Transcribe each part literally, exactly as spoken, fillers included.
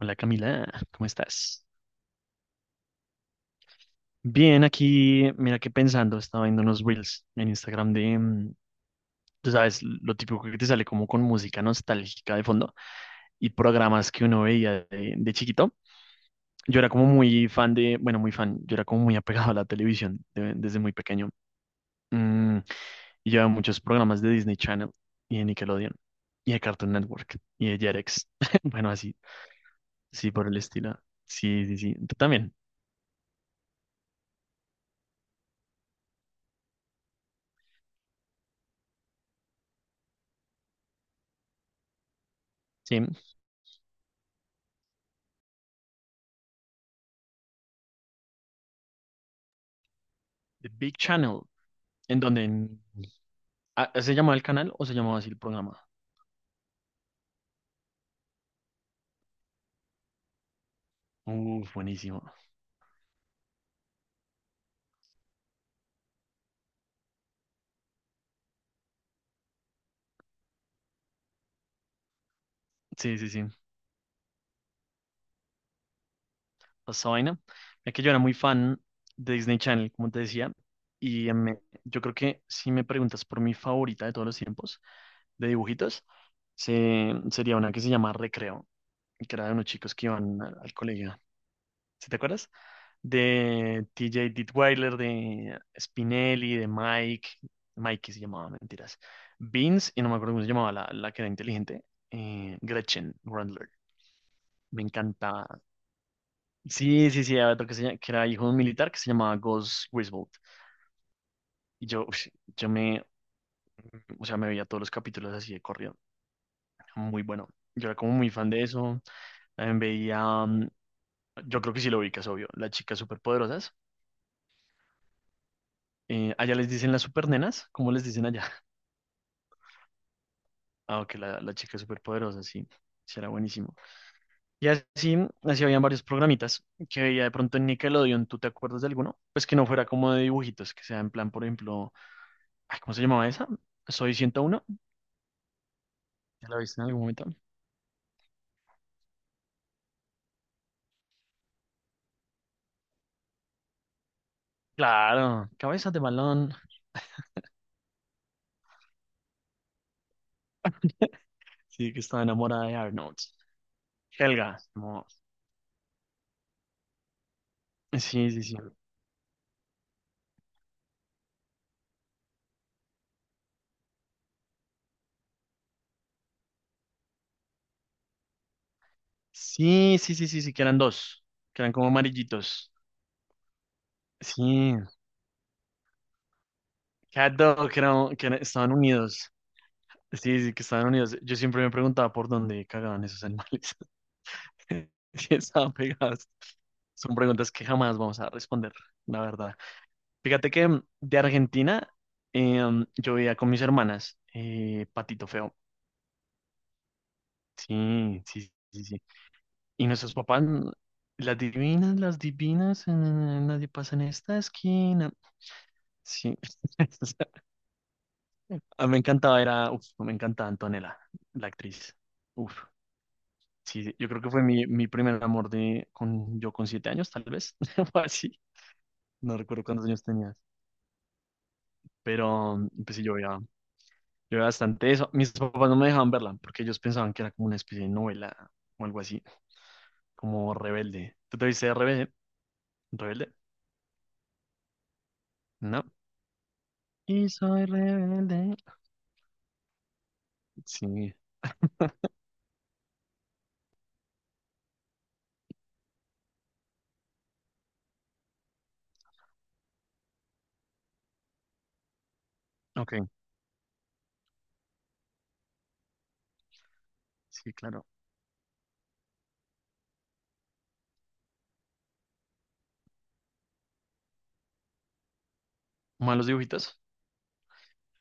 Hola Camila, ¿cómo estás? Bien, aquí, mira que pensando, estaba viendo unos reels en Instagram de, mm, tú sabes, lo típico que te sale como con música nostálgica de fondo y programas que uno veía de, de chiquito. Yo era como muy fan de, bueno, muy fan, yo era como muy apegado a la televisión de- desde muy pequeño. Mm, y llevaba muchos programas de Disney Channel y de Nickelodeon y de Cartoon Network y de Jetix. Bueno, así, sí, por el estilo. Sí, sí, sí. Tú también. Sí. The Big Channel. ¿En donde? Ah, ¿se llamaba el canal o se llamaba así el programa? Uf, buenísimo. Sí, sí, sí. Esa vaina. Es que yo era muy fan de Disney Channel, como te decía. Y em, me- yo creo que si me preguntas por mi favorita de todos los tiempos de dibujitos, se- sería una que se llama Recreo, que era de unos chicos que iban al, al colegio. ¿Sí te acuerdas? De T J Dittweiler, de Spinelli, de Mike. Mike que se llamaba, mentiras. Beans, y no me acuerdo cómo se llamaba la, la que era inteligente. eh, Gretchen Grandler. Me encanta. Sí, sí, sí, había otro que, se llama- que era hijo de un militar que se llamaba Gus Griswold. Y yo, ush, yo me, o sea, me veía todos los capítulos así de corrido. Muy bueno. Yo era como muy fan de eso. También veía, mm, yo creo que sí lo ubicas, obvio, las chicas superpoderosas. Eh, allá les dicen las supernenas, ¿cómo les dicen allá? Ah, ok, la, la chica superpoderosa, sí, sí era buenísimo. Y así, así habían varios programitas que veía de pronto en Nickelodeon. ¿Tú te acuerdas de alguno? Pues que no fuera como de dibujitos, que sea en plan, por ejemplo, ay, ¿cómo se llamaba esa? Soy ciento uno. ¿Ya la viste en algún momento? Claro, cabezas de balón. Sí, que estaba enamorada de Arnold. Helga. como- Sí, sí, sí. Sí, sí, sí, sí, sí, que eran dos. Que eran como amarillitos. Sí. Cat Dog, que, eran que era- estaban unidos. Sí, sí, que estaban unidos. Yo siempre me preguntaba por dónde cagaban esos animales. Sí, estaban pegadas. Son preguntas que jamás vamos a responder, la verdad. Fíjate que mm, de Argentina eh, mm, yo veía con mis hermanas eh, Patito Feo. Sí, sí, sí, sí. Y nuestros papás, mm, las divinas, las divinas, eh, nadie pasa en esta esquina. Sí, o sea, a mí me encantaba, era, uf, me encantaba Antonella, la actriz. Uf, sí, sí. Yo creo que fue mi, mi primer amor de, con, yo con siete años, tal vez, o así. No recuerdo cuántos años tenía. Pero mm, pues sí, yo veía, yo veía bastante eso. Mis papás no me dejaban verla porque ellos pensaban que era como una especie de novela o algo así, como rebelde. ¿Tú te viste rebelde? ¿Rebelde? No. Y soy rebelde. Sí. Ok, sí, claro. Malos dibujitos.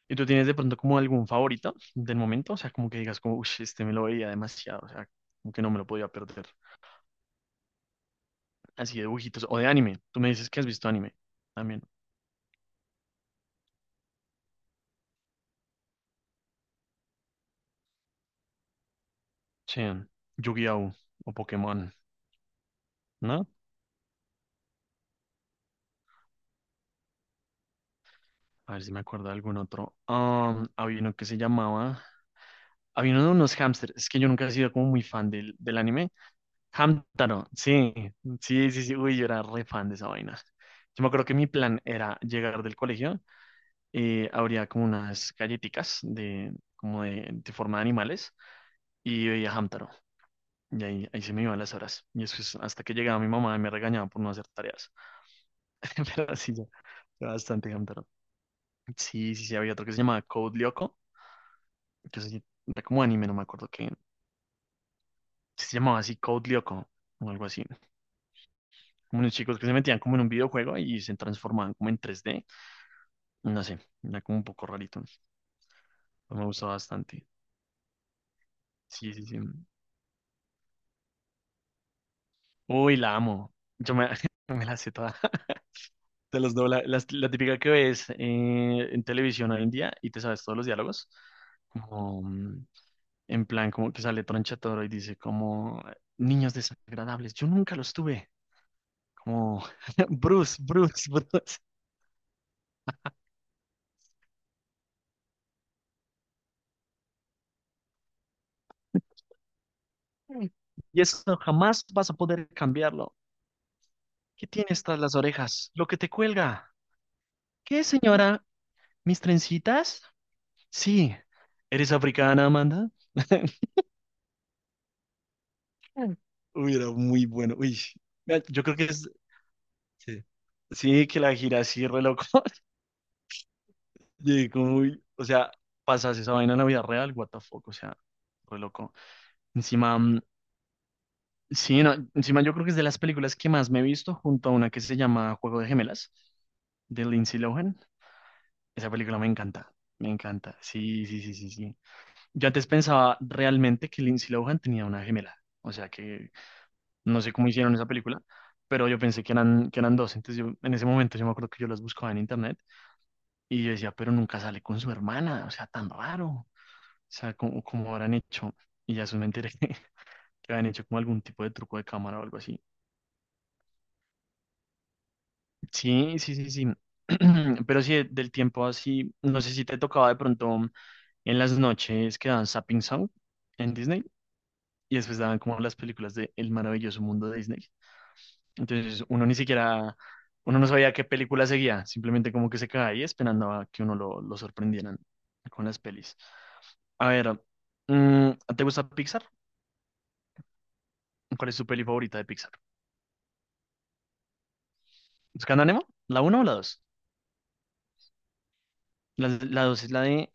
¿Y tú tienes de pronto como algún favorito del momento? O sea, como que digas como, uy, este me lo veía demasiado, o sea, como que no me lo podía perder. Así de dibujitos. O de anime. Tú me dices que has visto anime también. Sí. Yu-Gi-Oh! O Pokémon, ¿no? A ver si me acuerdo de algún otro. Am, había uno que se llamaba. Había uno de unos hámsters. Es que yo nunca he sido como muy fan del, del anime. Hamtaro, sí. Sí, sí, sí. Uy, yo era re fan de esa vaina. Yo me acuerdo que mi plan era llegar del colegio. Eh, habría como unas galletitas de, como de, de forma de animales. Y veía Hamtaro. Y ahí, ahí se me iban las horas. Y eso es hasta que llegaba mi mamá y me regañaba por no hacer tareas. Pero sí, yo. yo bastante Hamtaro. Sí, sí, sí. Había otro que se llamaba Code Lyoko que se- era como anime, no me acuerdo que se llamaba así Code Lyoko o algo así. Como unos chicos que se metían como en un videojuego y se transformaban como en tres D. No sé, era como un poco rarito. Pero me gustó bastante. Sí, sí, sí. Uy, la amo. Yo me, me la sé toda. Te los dobla. La, la típica que ves eh, en televisión hoy en día y te sabes todos los diálogos. Como mm, en plan, como que sale Tronchatoro y dice como niños desagradables. Yo nunca los tuve. Como Bruce, Bruce, Bruce. Mm. Y eso jamás vas a poder cambiarlo. ¿Qué tienes tras las orejas? Lo que te cuelga. ¿Qué, señora? ¿Mis trencitas? Sí. ¿Eres africana, Amanda? Mm. Uy, era muy bueno. Uy, mira, yo creo que es... Sí, sí, que la gira así, re loco. Y como, uy, o sea, pasas esa vaina en la vida real, what the fuck, o sea, re loco. Encima, mm, sí, no, encima yo creo que es de las películas que más me he visto junto a una que se llama Juego de Gemelas, de Lindsay Lohan. Esa película me encanta, me encanta. Sí, sí, sí, sí, sí. Yo antes pensaba realmente que Lindsay Lohan tenía una gemela. O sea que no sé cómo hicieron esa película, pero yo pensé que eran, que eran dos. Entonces yo, en ese momento yo me acuerdo que yo las buscaba en internet y yo decía, pero nunca sale con su hermana. O sea, tan raro. O sea, como, como habrán hecho. Y ya después me enteré que habían hecho como algún tipo de truco de cámara o algo así. Sí, sí, sí, sí. Pero sí, de- del tiempo así, no sé si te tocaba de pronto. En las noches que daban Sapping Sound en Disney y después daban como las películas de El maravilloso mundo de Disney. Entonces uno ni siquiera, uno no sabía qué película seguía, simplemente como que se quedaba ahí esperando a que uno lo, lo sorprendieran con las pelis. A ver, mm, ¿te gusta Pixar? ¿Cuál es tu peli favorita de Pixar? ¿Buscando a Nemo? ¿La uno o la dos? La, la dos es la de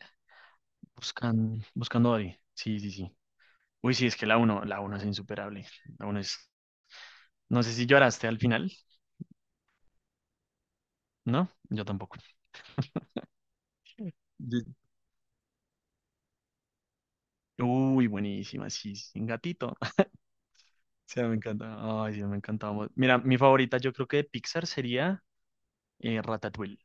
Buscan, Buscando a Dory. Sí, sí, sí. Uy, sí, es que la uno, la uno es insuperable. La uno es... No sé si lloraste al final, ¿no? Yo tampoco. Uy, buenísima, sí, sin gatito. Sí, me encanta. Ay, sí, me encantaba. Mira, mi favorita yo creo que de Pixar sería eh, Ratatouille.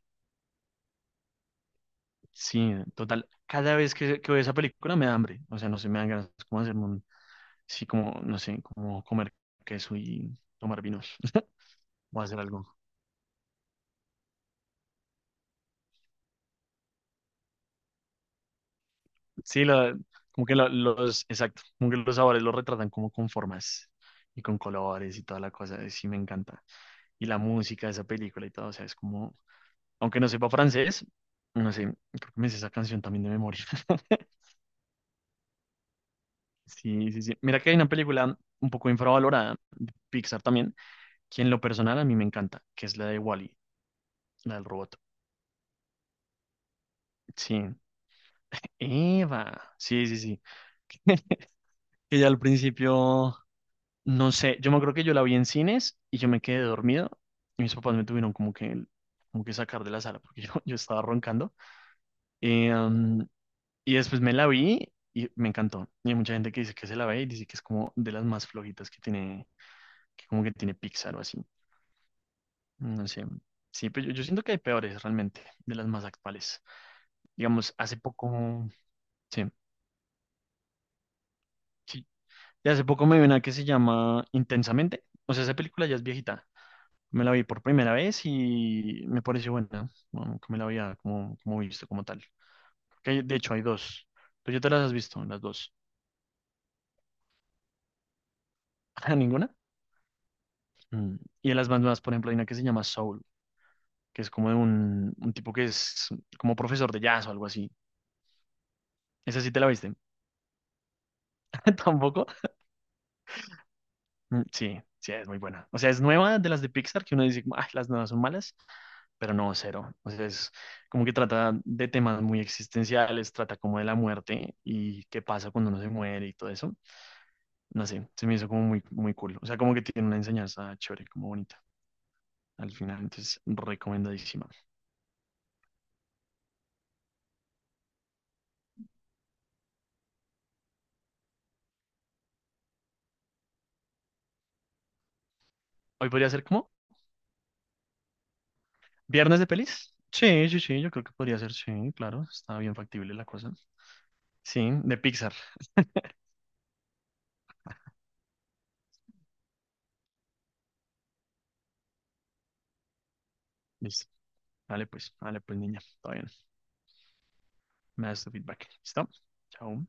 Sí, total. Cada vez que, que veo esa película me da hambre. O sea, no sé, me dan ganas como hacer un, sí, como, no sé, como comer queso y tomar vinos o hacer algo. Sí, la, como que la- los, exacto, como que los sabores los retratan como con formas y con colores y toda la cosa. Sí, me encanta. Y la música de esa película y todo, o sea, es como, aunque no sepa francés, no sé, creo que me sé esa canción también de memoria. Sí, sí, sí. Mira que hay una película un poco infravalorada de Pixar también, que en lo personal a mí me encanta, que es la de Wall-E, la del robot. Sí, Eva. Sí, sí, sí. Ella al principio, no sé, yo me acuerdo que yo la vi en cines y yo me quedé dormido y mis papás me tuvieron como que, como que sacar de la sala porque yo, yo estaba roncando. Eh, um, Y después me la vi y me encantó. Y hay mucha gente que dice que se la ve y dice que es como de las más flojitas que tiene, que como que tiene Pixar o así. No sé. Sí, pero yo, yo siento que hay peores realmente, de las más actuales. Digamos, hace poco, sí, sí. Y hace poco me vi una que se llama Intensamente. O sea, esa película ya es viejita. Me la vi por primera vez y me pareció buena. Bueno, que me la había como, como visto como tal. Que hay- de hecho, hay dos. ¿Tú ya te las has visto, las dos? ¿Ninguna? Mm. Y de las más nuevas, por ejemplo, hay una que se llama Soul que es como de un, un tipo que es como profesor de jazz o algo así. ¿Esa sí te la viste? ¿Tampoco? Mm, sí, sí, es muy buena. O sea, es nueva de las de Pixar, que uno dice, como, ay, las nuevas son malas, pero no, cero. O sea, es como que trata de temas muy existenciales, trata como de la muerte y qué pasa cuando uno se muere y todo eso. No sé, se me hizo como muy, muy cool. O sea, como que tiene una enseñanza chévere, como bonita. Al final, entonces, recomendadísima. Hoy podría ser como viernes de pelis. Sí, sí, sí, yo creo que podría ser, sí, claro, está bien factible la cosa. Sí, de Pixar. Listo. Vale, pues, vale, pues, niña. Está bien. Me das tu feedback. ¿Listo? Chao.